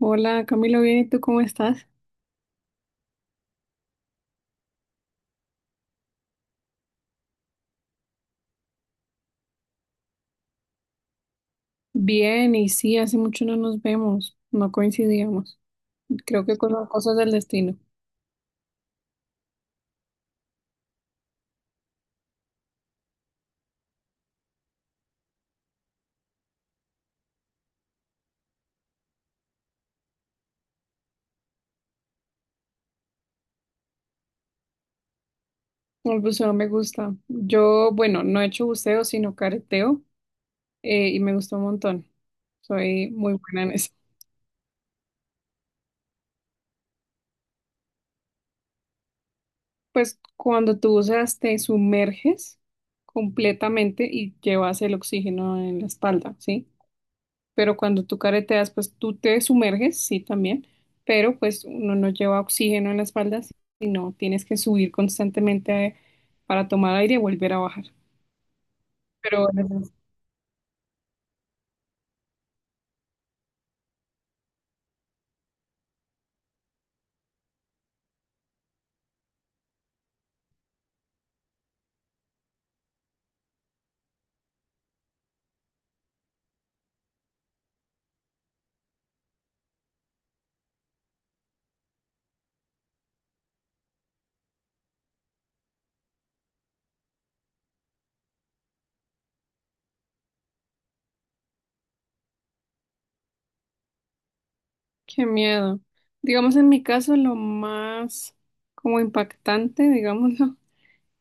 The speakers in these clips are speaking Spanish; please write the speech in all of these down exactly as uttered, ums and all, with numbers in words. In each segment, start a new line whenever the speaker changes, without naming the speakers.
Hola, Camilo, bien, ¿y tú cómo estás? Bien, y sí, hace mucho no nos vemos, no coincidíamos. Creo que con las cosas del destino. El buceo me gusta. Yo, bueno, no he hecho buceo, sino careteo, eh, y me gustó un montón. Soy muy buena en eso. Pues cuando tú buceas, te sumerges completamente y llevas el oxígeno en la espalda, ¿sí? Pero cuando tú careteas, pues tú te sumerges, sí, también, pero pues uno no lleva oxígeno en la espalda, sino tienes que subir constantemente eh, para tomar aire y volver a bajar. Pero ujú. Qué miedo. Digamos, en mi caso, lo más como impactante, digámoslo,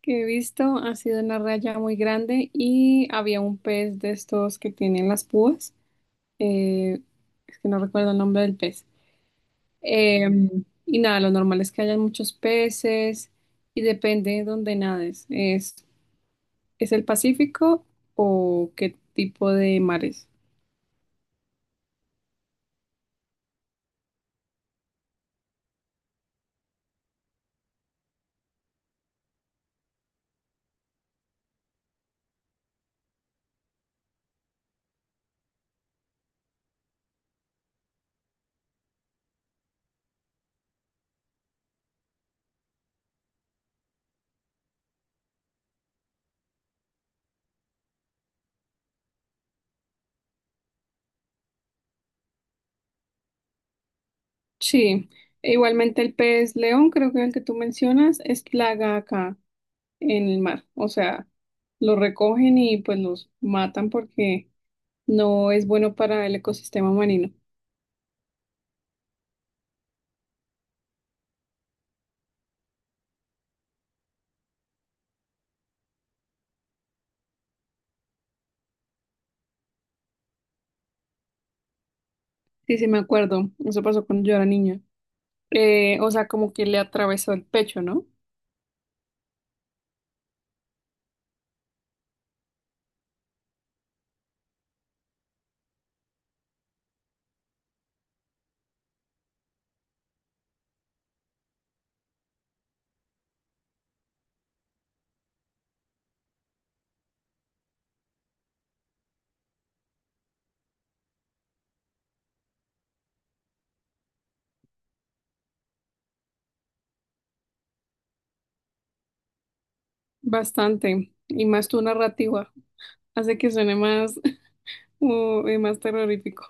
que he visto ha sido una raya muy grande y había un pez de estos que tienen las púas. eh, es que no recuerdo el nombre del pez. Eh, y nada, lo normal es que hayan muchos peces y depende de dónde nades. ¿Es, ¿es el Pacífico o qué tipo de mares? Sí, e igualmente el pez león, creo que el que tú mencionas, es plaga acá en el mar. O sea, los recogen y pues los matan porque no es bueno para el ecosistema marino. Sí, sí, me acuerdo. Eso pasó cuando yo era niña. Eh, o sea, como que le atravesó el pecho, ¿no? Bastante, y más tu narrativa, hace que suene más, uh, eh, más terrorífico.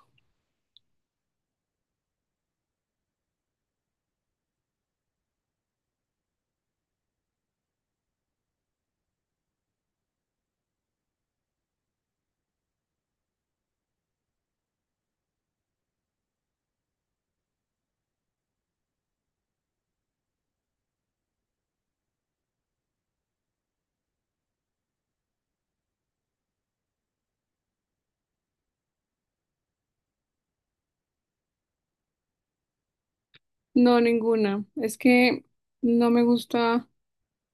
No, ninguna. Es que no me gusta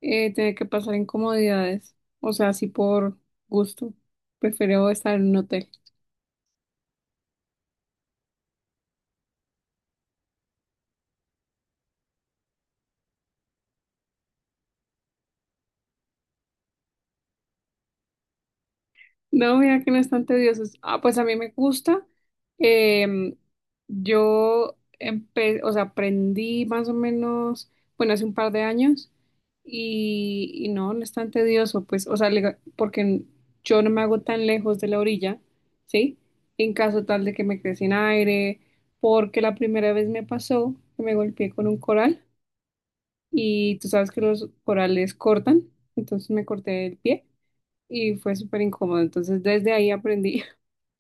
eh, tener que pasar incomodidades, o sea, así por gusto. Prefiero estar en un hotel. No, mira que no es tan tedioso. Ah, pues a mí me gusta. Em, yo empe- o sea, aprendí más o menos, bueno, hace un par de años y, y no, no es tan tedioso, pues, o sea, le- porque yo no me hago tan lejos de la orilla, ¿sí? En caso tal de que me quede sin aire, porque la primera vez me pasó que me golpeé con un coral y tú sabes que los corales cortan, entonces me corté el pie y fue súper incómodo. Entonces, desde ahí aprendí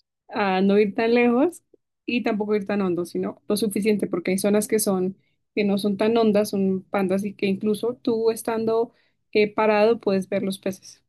a no ir tan lejos y tampoco ir tan hondo, sino lo suficiente, porque hay zonas que son, que no son tan hondas, son pandas y que incluso tú estando eh, parado puedes ver los peces.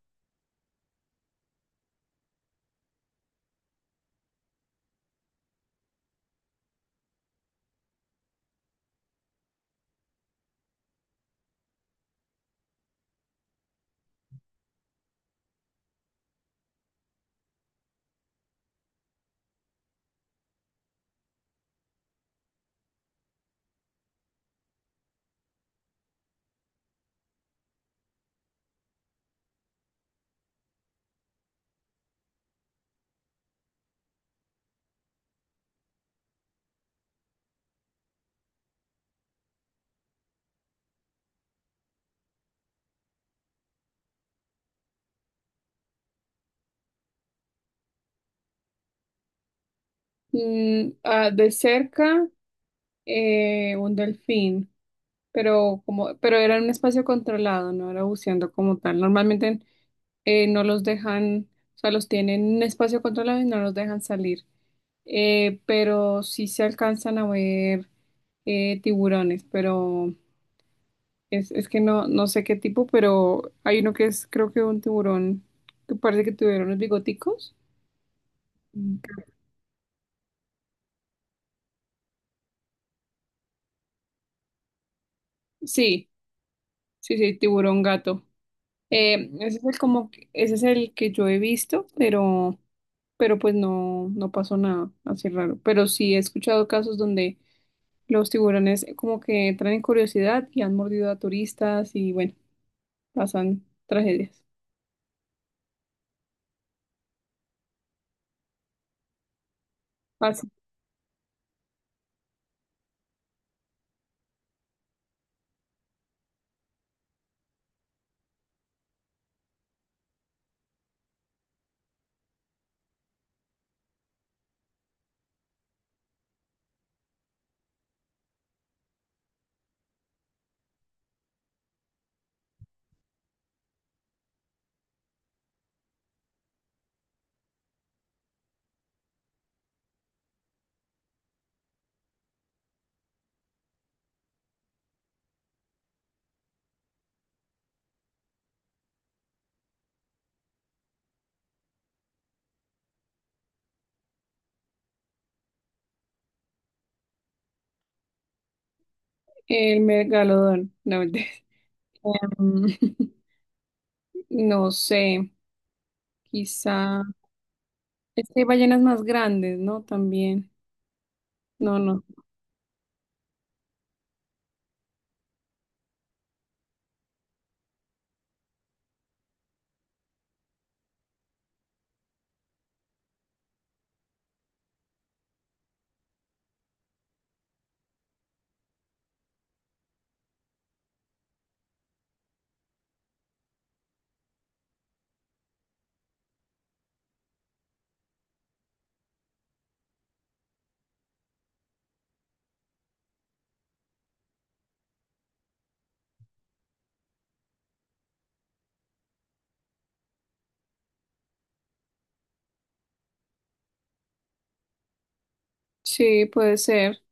Mm, ah, de cerca, eh, un delfín, pero como, pero era en un espacio controlado, no era buceando como tal. Normalmente eh, no los dejan, o sea, los tienen en un espacio controlado y no los dejan salir. Eh, pero sí se alcanzan a ver eh, tiburones, pero es, es que no, no sé qué tipo, pero hay uno que es, creo que un tiburón que parece que tuvieron unos bigoticos. Mm. Sí, sí, sí, tiburón gato. Eh, ese es el como, que- ese es el que yo he visto, pero, pero pues no, no pasó nada así raro. Pero sí he escuchado casos donde los tiburones como que traen curiosidad y han mordido a turistas y bueno, pasan tragedias. El megalodón, no mentira. Em, no sé, quizá. Es que hay ballenas más grandes, ¿no? También. No, no. Sí, puede ser.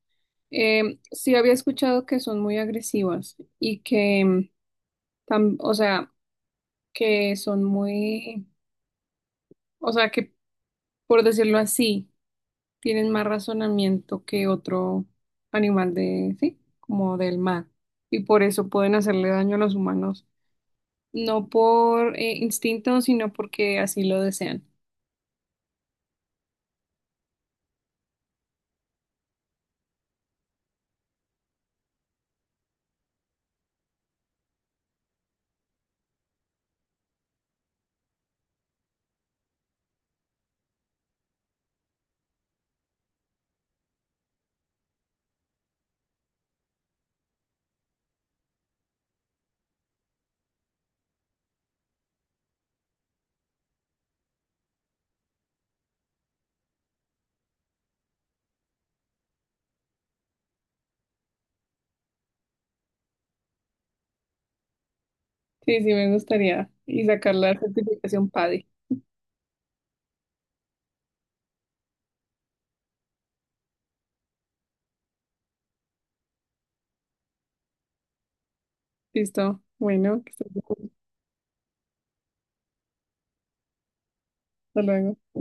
Em, sí, había escuchado que son muy agresivas y que, em, tam- o sea, que son muy, o sea, que por decirlo así, tienen más razonamiento que otro animal de, sí, como del mar. Y por eso pueden hacerle daño a los humanos, no por eh, instinto, sino porque así lo desean. Sí, sí, me gustaría. Y sacar la certificación PADI. Listo. Bueno, que estés bien. Hasta luego.